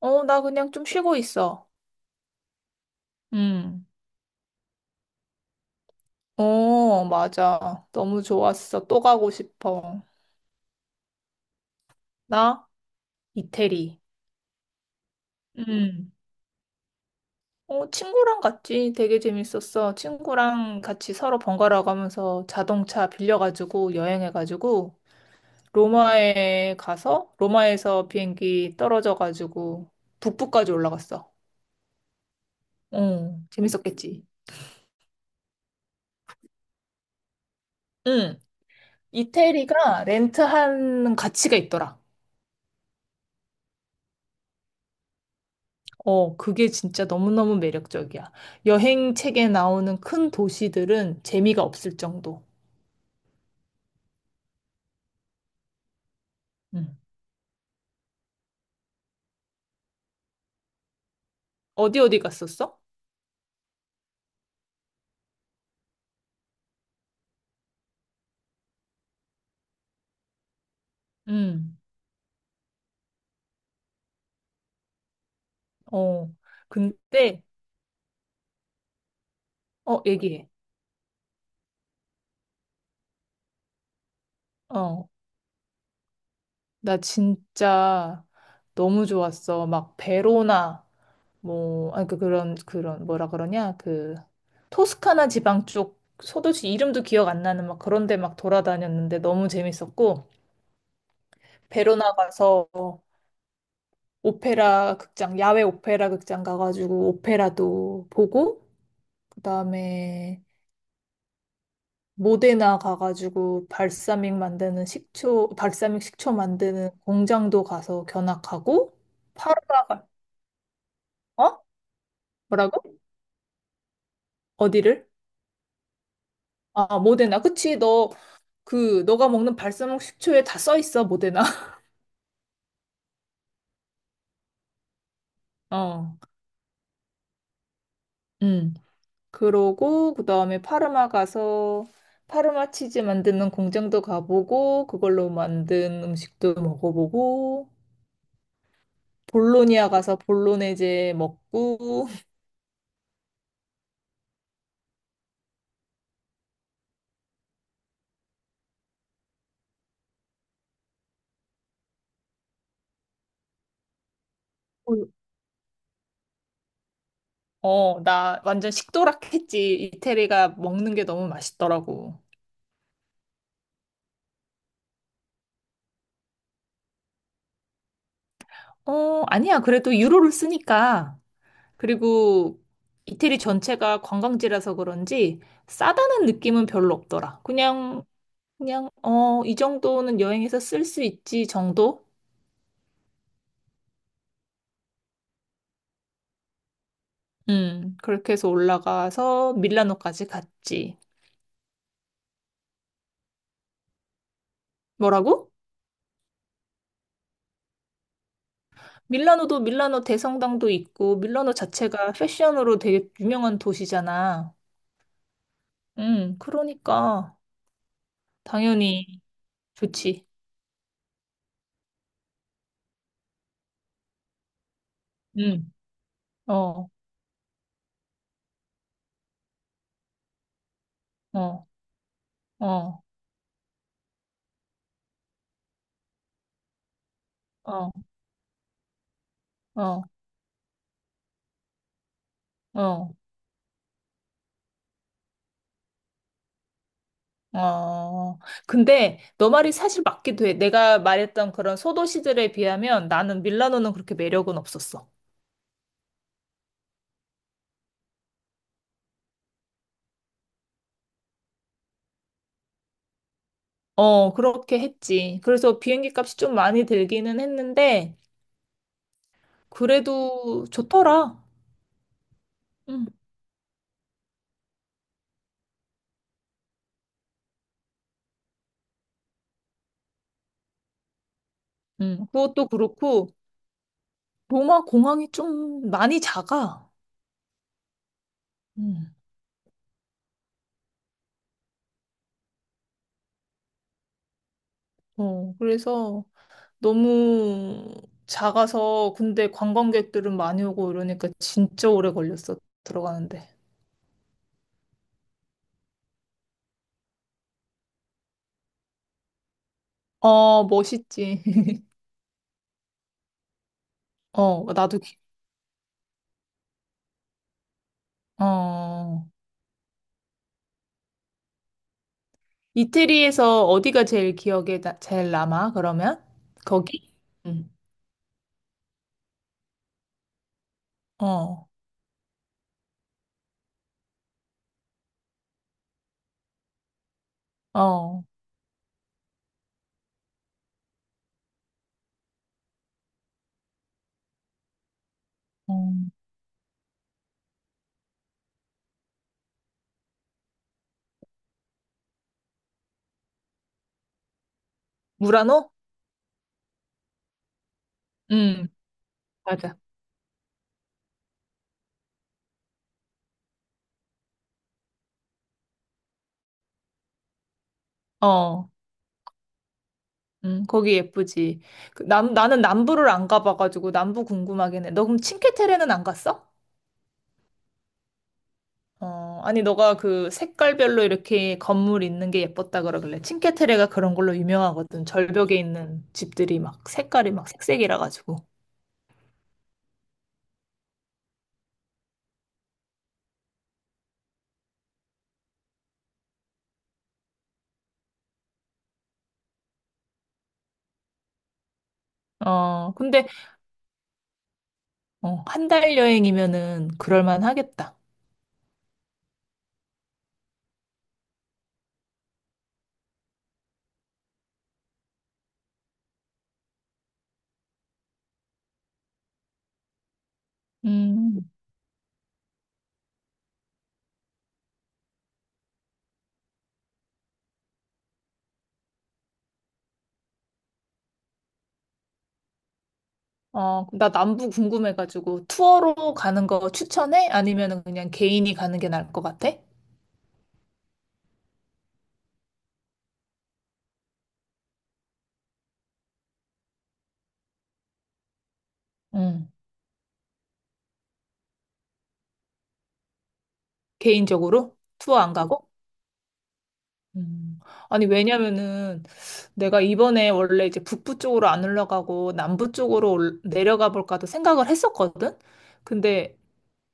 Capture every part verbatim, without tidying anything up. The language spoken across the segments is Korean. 어, 나 그냥 좀 쉬고 있어. 음. 어, 맞아. 너무 좋았어. 또 가고 싶어. 나? 이태리. 음. 어, 친구랑 갔지. 되게 재밌었어. 친구랑 같이 서로 번갈아 가면서 자동차 빌려가지고 여행해가지고 로마에 가서 로마에서 비행기 떨어져가지고 북부까지 올라갔어. 어, 재밌었겠지. 음. 이태리가 렌트하는 가치가 있더라. 어, 그게 진짜 너무너무 매력적이야. 여행 책에 나오는 큰 도시들은 재미가 없을 정도. 음. 어디 어디 갔었어? 응. 어, 근데, 어, 얘기해. 어, 나 진짜 너무 좋았어. 막 베로나, 뭐, 아, 그, 그런, 그런, 뭐라 그러냐, 그, 토스카나 지방 쪽, 소도시 이름도 기억 안 나는 막 그런 데 막 돌아다녔는데 너무 재밌었고, 베로나 가서 오페라 극장, 야외 오페라 극장 가가지고 오페라도 보고, 그다음에 모데나 가가지고 발사믹 만드는 식초, 발사믹 식초 만드는 공장도 가서 견학하고, 파르마 가, 어? 뭐라고? 어디를? 아, 모데나. 그치, 너, 그, 너가 먹는 발사믹 식초에 다 써 있어, 모데나. 어, 음. 그러고 그다음에 파르마 가서 파르마 치즈 만드는 공장도 가보고 그걸로 만든 음식도 먹어보고 볼로니아 가서 볼로네제 먹고 어, 어, 나 완전 식도락했지. 이태리가 먹는 게 너무 맛있더라고. 어, 아니야. 그래도 유로를 쓰니까. 그리고 이태리 전체가 관광지라서 그런지 싸다는 느낌은 별로 없더라. 그냥, 그냥, 어, 이 정도는 여행에서 쓸 수 있지 정도? 음, 그렇게 해서 올라가서 밀라노까지 갔지. 뭐라고? 밀라노도 밀라노 대성당도 있고, 밀라노 자체가 패션으로 되게 유명한 도시잖아. 음, 그러니까, 당연히 좋지. 음, 어, 어, 어, 어, 어, 어. 어, 근데 너 말이 사실 맞기도 해. 내가 말했던 그런 소도시들에 비하면 나는 밀라노는 그렇게 매력은 없었어. 어, 그렇게 했지. 그래서 비행기 값이 좀 많이 들기는 했는데, 그래도 좋더라. 응, 응, 그것도 그렇고 로마 공항이 좀 많이 작아. 응. 어, 그래서 너무 작아서 근데 관광객들은 많이 오고 이러니까 진짜 오래 걸렸어 들어가는데. 어, 멋있지. 어, 나도 기- 어. 이태리에서 어디가 제일 기억에 나- 제일 남아? 그러면 거기? 응. 어. 어. 어, 무라노? 응, 맞아. 어. 음, 거기 예쁘지. 그 남, 나는 남부를 안 가봐가지고 남부 궁금하긴 해. 너 그럼 칭케테레는 안 갔어? 어, 아니, 너가 그 색깔별로 이렇게 건물 있는 게 예뻤다 그러길래. 칭케테레가 그런 걸로 유명하거든. 절벽에 있는 집들이 막 색깔이 막 색색이라 가지고. 어, 근데, 어, 한 달 여행이면은 그럴만 하겠다. 음. 어, 나 남부 궁금해가지고 투어로 가는 거 추천해? 아니면은 그냥 개인이 가는 게 나을 것 같아? 응. 개인적으로? 투어 안 가고? 음. 아니, 왜냐면은 내가 이번에 원래 이제 북부 쪽으로 안 올라가고 남부 쪽으로 올- 내려가 볼까도 생각을 했었거든? 근데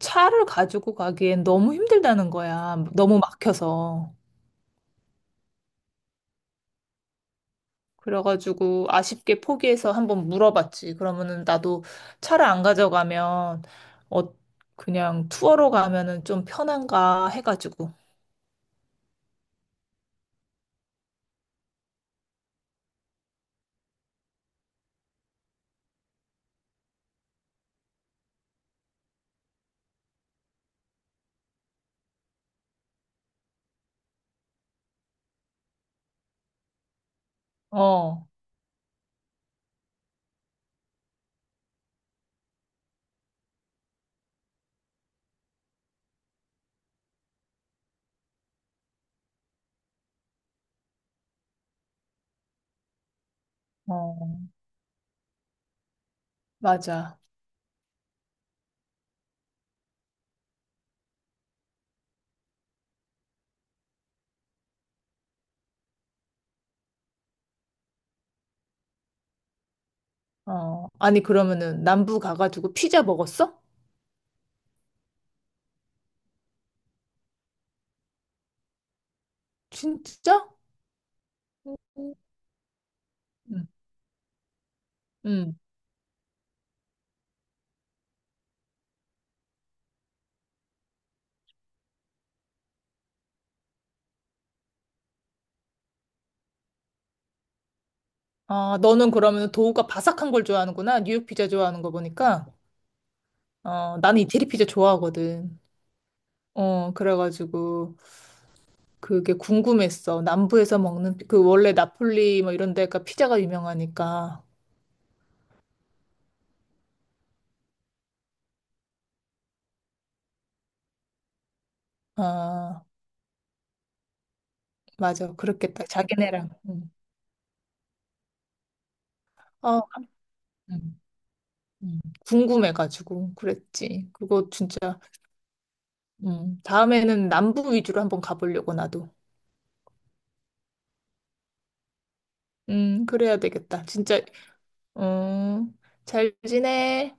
차를 가지고 가기엔 너무 힘들다는 거야. 너무 막혀서. 그래가지고 아쉽게 포기해서 한번 물어봤지. 그러면은 나도 차를 안 가져가면 어, 그냥 투어로 가면은 좀 편한가 해가지고. 어, 어, 맞아. 어, 아니, 그러면은 남부 가가지고 피자 먹었어? 진짜? 음. 음. 아, 너는 그러면 도우가 바삭한 걸 좋아하는구나. 뉴욕 피자 좋아하는 거 보니까. 어, 나는 이태리 피자 좋아하거든. 어, 그래가지고 그게 궁금했어. 남부에서 먹는 피- 그 원래 나폴리 뭐 이런 데가 피자가 유명하니까. 아, 맞아. 그렇겠다. 자기네랑. 음. 어, 음. 음. 궁금해가지고 그랬지. 그거 진짜 음. 다음에는 남부 위주로 한번 가보려고 나도. 음, 그래야 되겠다. 진짜 음, 잘 지내?